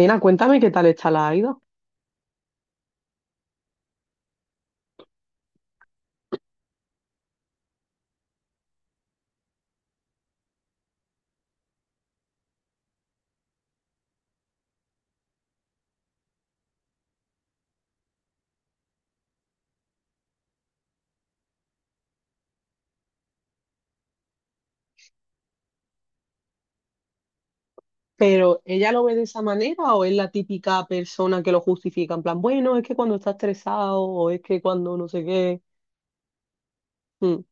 Nena, cuéntame qué tal está la Aida. Pero, ¿ella lo ve de esa manera o es la típica persona que lo justifica? En plan, bueno, es que cuando está estresado o es que cuando no sé qué. Mm.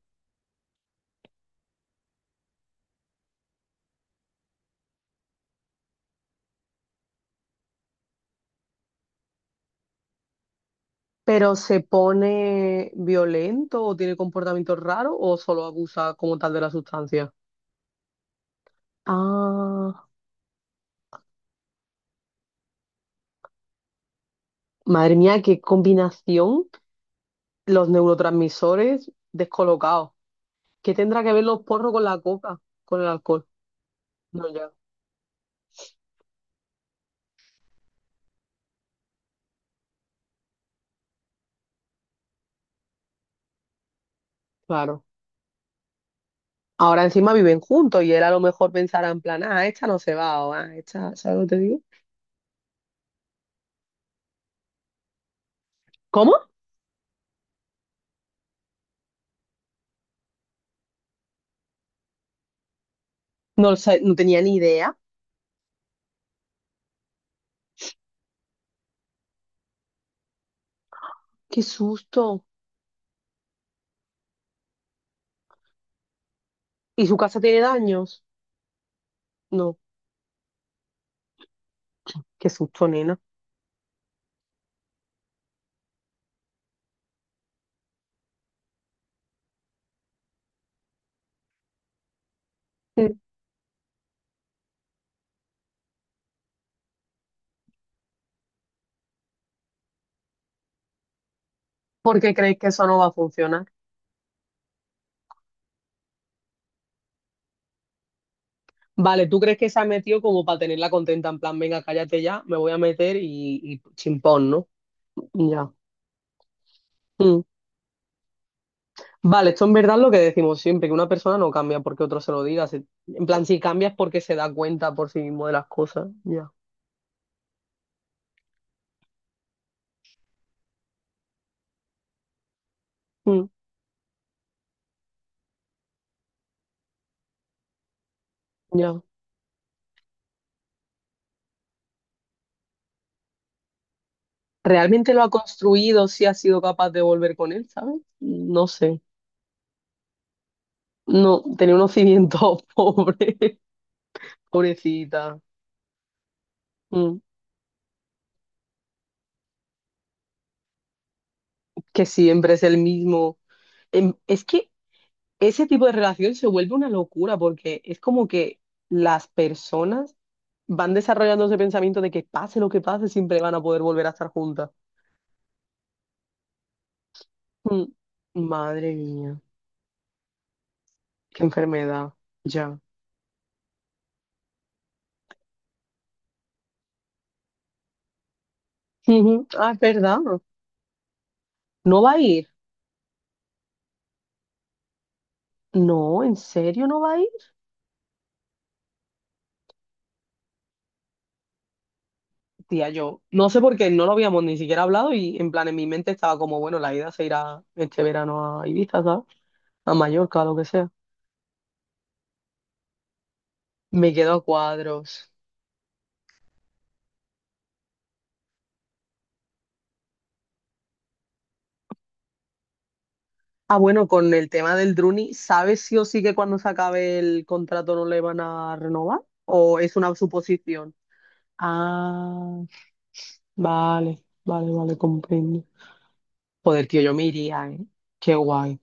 Pero se pone violento o tiene comportamientos raros o solo abusa como tal de la sustancia. Ah, madre mía, qué combinación. Los neurotransmisores descolocados. ¿Qué tendrá que ver los porros con la coca, con el alcohol? No, ya, claro. Ahora encima viven juntos y él a lo mejor pensará en plan, ah, esta no se va o ah, esta, ¿sabes lo que te digo? ¿Cómo? No, lo sa- no tenía ni idea. Qué susto. ¿Y su casa tiene daños? No, qué susto, nena. ¿Porque creéis que eso no va a funcionar? Vale, ¿tú crees que se ha metido como para tenerla contenta? En plan, venga, cállate ya, me voy a meter y chimpón, ¿no? Ya. Mm. Vale, esto en verdad es lo que decimos siempre, que una persona no cambia porque otro se lo diga. Si- en plan, si cambia es porque se da cuenta por sí mismo de las cosas. Ya. Mm, ya. ¿Realmente lo ha construido si ha sido capaz de volver con él, ¿sabes? No sé. No, tenía unos cimientos pobres, pobrecita. Mm. Que siempre es el mismo. Es que ese tipo de relación se vuelve una locura porque es como que las personas van desarrollando ese pensamiento de que pase lo que pase, siempre van a poder volver a estar juntas. Mm. Madre mía, qué enfermedad. Ya. Ujú. Ah, es verdad. ¿No va a ir? No, ¿en serio no va a ir? Tía, yo no sé por qué no lo habíamos ni siquiera hablado y en plan en mi mente estaba como, bueno, la ida se irá este verano a Ibiza, ¿sabes? A Mallorca, lo que sea. Me quedo a cuadros. Ah, bueno, con el tema del Druni, ¿sabes sí o sí que cuando se acabe el contrato no le van a renovar? ¿O es una suposición? Ah, vale, vale, vale, comprendo. Joder, tío, yo me iría, ¿eh? Qué guay.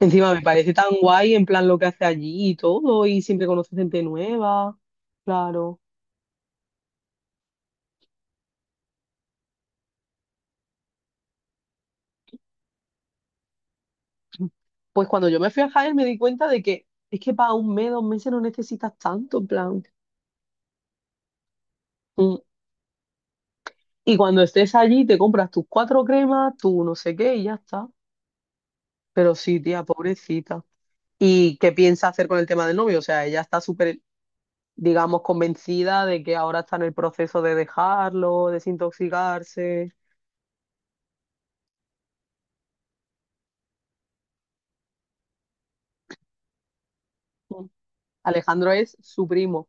Encima me parece tan guay en plan lo que hace allí y todo, y siempre conoce gente nueva. Claro. Pues cuando yo me fui a Jaén me di cuenta de que es que para un mes, dos meses no necesitas tanto, en plan. Mm. Y cuando estés allí te compras tus cuatro cremas, tu no sé qué y ya está. Pero sí, tía, pobrecita. ¿Y qué piensa hacer con el tema del novio? O sea, ella está súper, digamos, convencida de que ahora está en el proceso de dejarlo, desintoxicarse. Mm. Alejandro es su primo.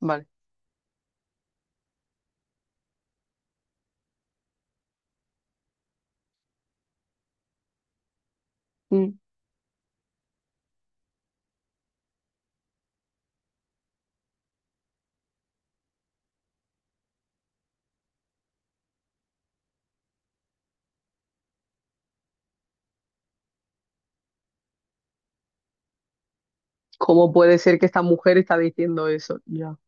Vale. Mm. ¿Cómo puede ser que esta mujer está diciendo eso? Ya.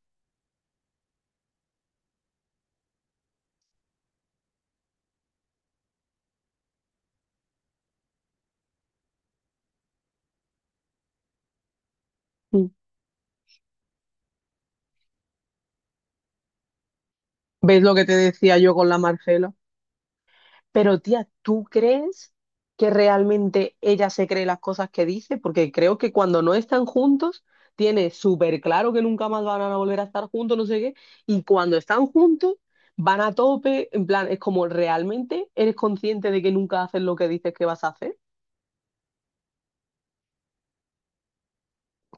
Mm. ¿Ves lo que te decía yo con la Marcela? Pero tía, ¿tú crees que realmente ella se cree las cosas que dice? Porque creo que cuando no están juntos, tiene súper claro que nunca más van a volver a estar juntos, no sé qué, y cuando están juntos, van a tope, en plan, es como, ¿realmente eres consciente de que nunca haces lo que dices que vas a hacer?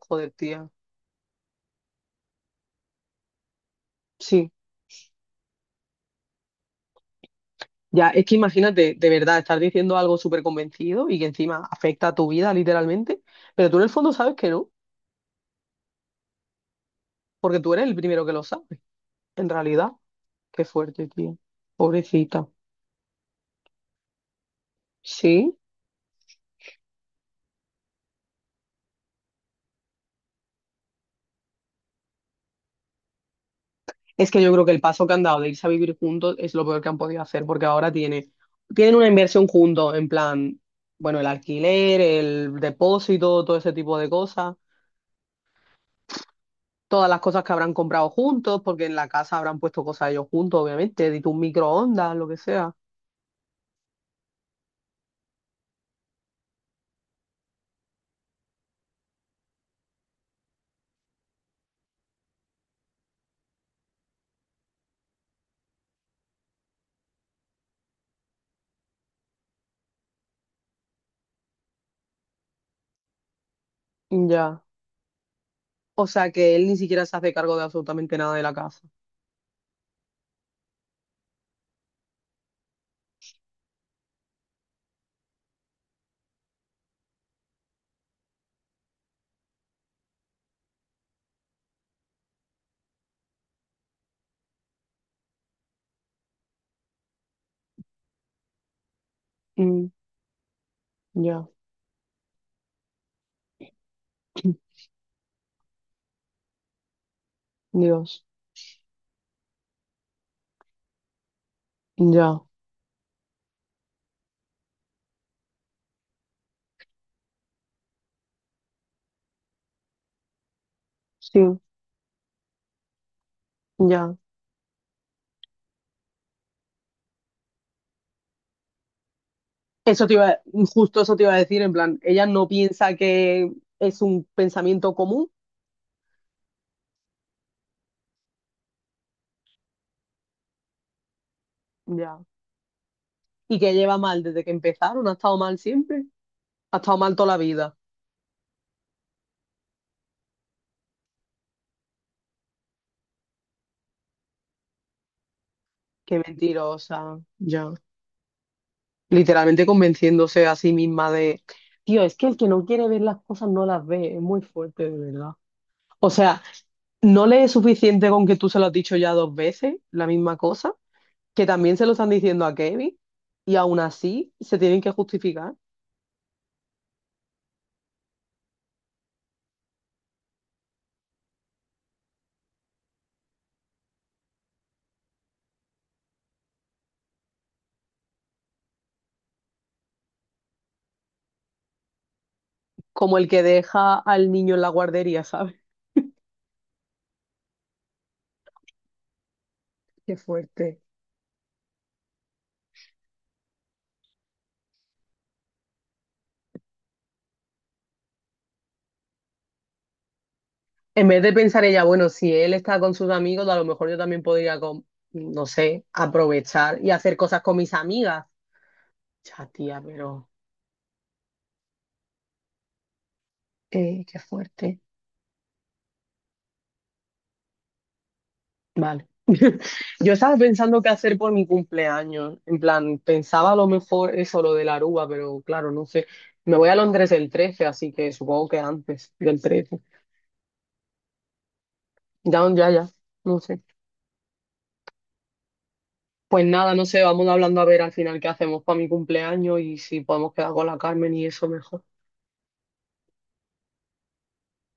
Joder, tía. Sí, ya, es que imagínate, de verdad, estar diciendo algo súper convencido y que encima afecta a tu vida literalmente, pero tú en el fondo sabes que no, porque tú eres el primero que lo sabe, en realidad. Qué fuerte, tío. Pobrecita. Sí, es que yo creo que el paso que han dado de irse a vivir juntos es lo peor que han podido hacer, porque ahora tiene, tienen una inversión juntos, en plan, bueno, el alquiler, el depósito, todo ese tipo de cosas, todas las cosas que habrán comprado juntos, porque en la casa habrán puesto cosas ellos juntos, obviamente, de un microondas, lo que sea. Ya. O sea que él ni siquiera se hace cargo de absolutamente nada de la casa. Mm, ya. Dios. Ya. Sí, ya. Eso te iba, justo eso te iba a decir, en plan, ella no piensa que es un pensamiento común. Ya. Y que lleva mal desde que empezaron, ha estado mal siempre, ha estado mal toda la vida. Qué mentirosa, ya. Literalmente convenciéndose a sí misma de, tío, es que el que no quiere ver las cosas no las ve, es muy fuerte, de verdad. O sea, no le es suficiente con que tú se lo has dicho ya dos veces, la misma cosa, que también se lo están diciendo a Kevin y aún así se tienen que justificar. Como el que deja al niño en la guardería, ¿sabes? Qué fuerte. En vez de pensar ella, bueno, si él está con sus amigos, a lo mejor yo también podría, con- no sé, aprovechar y hacer cosas con mis amigas. Ya, tía, pero qué fuerte. Vale. Yo estaba pensando qué hacer por mi cumpleaños. En plan, pensaba a lo mejor eso, lo de la Aruba, pero claro, no sé. Me voy a Londres el 13, así que supongo que antes del 13. Ya, ya, ya. No sé. Pues nada, no sé, vamos hablando a ver al final qué hacemos para mi cumpleaños y si podemos quedar con la Carmen y eso mejor.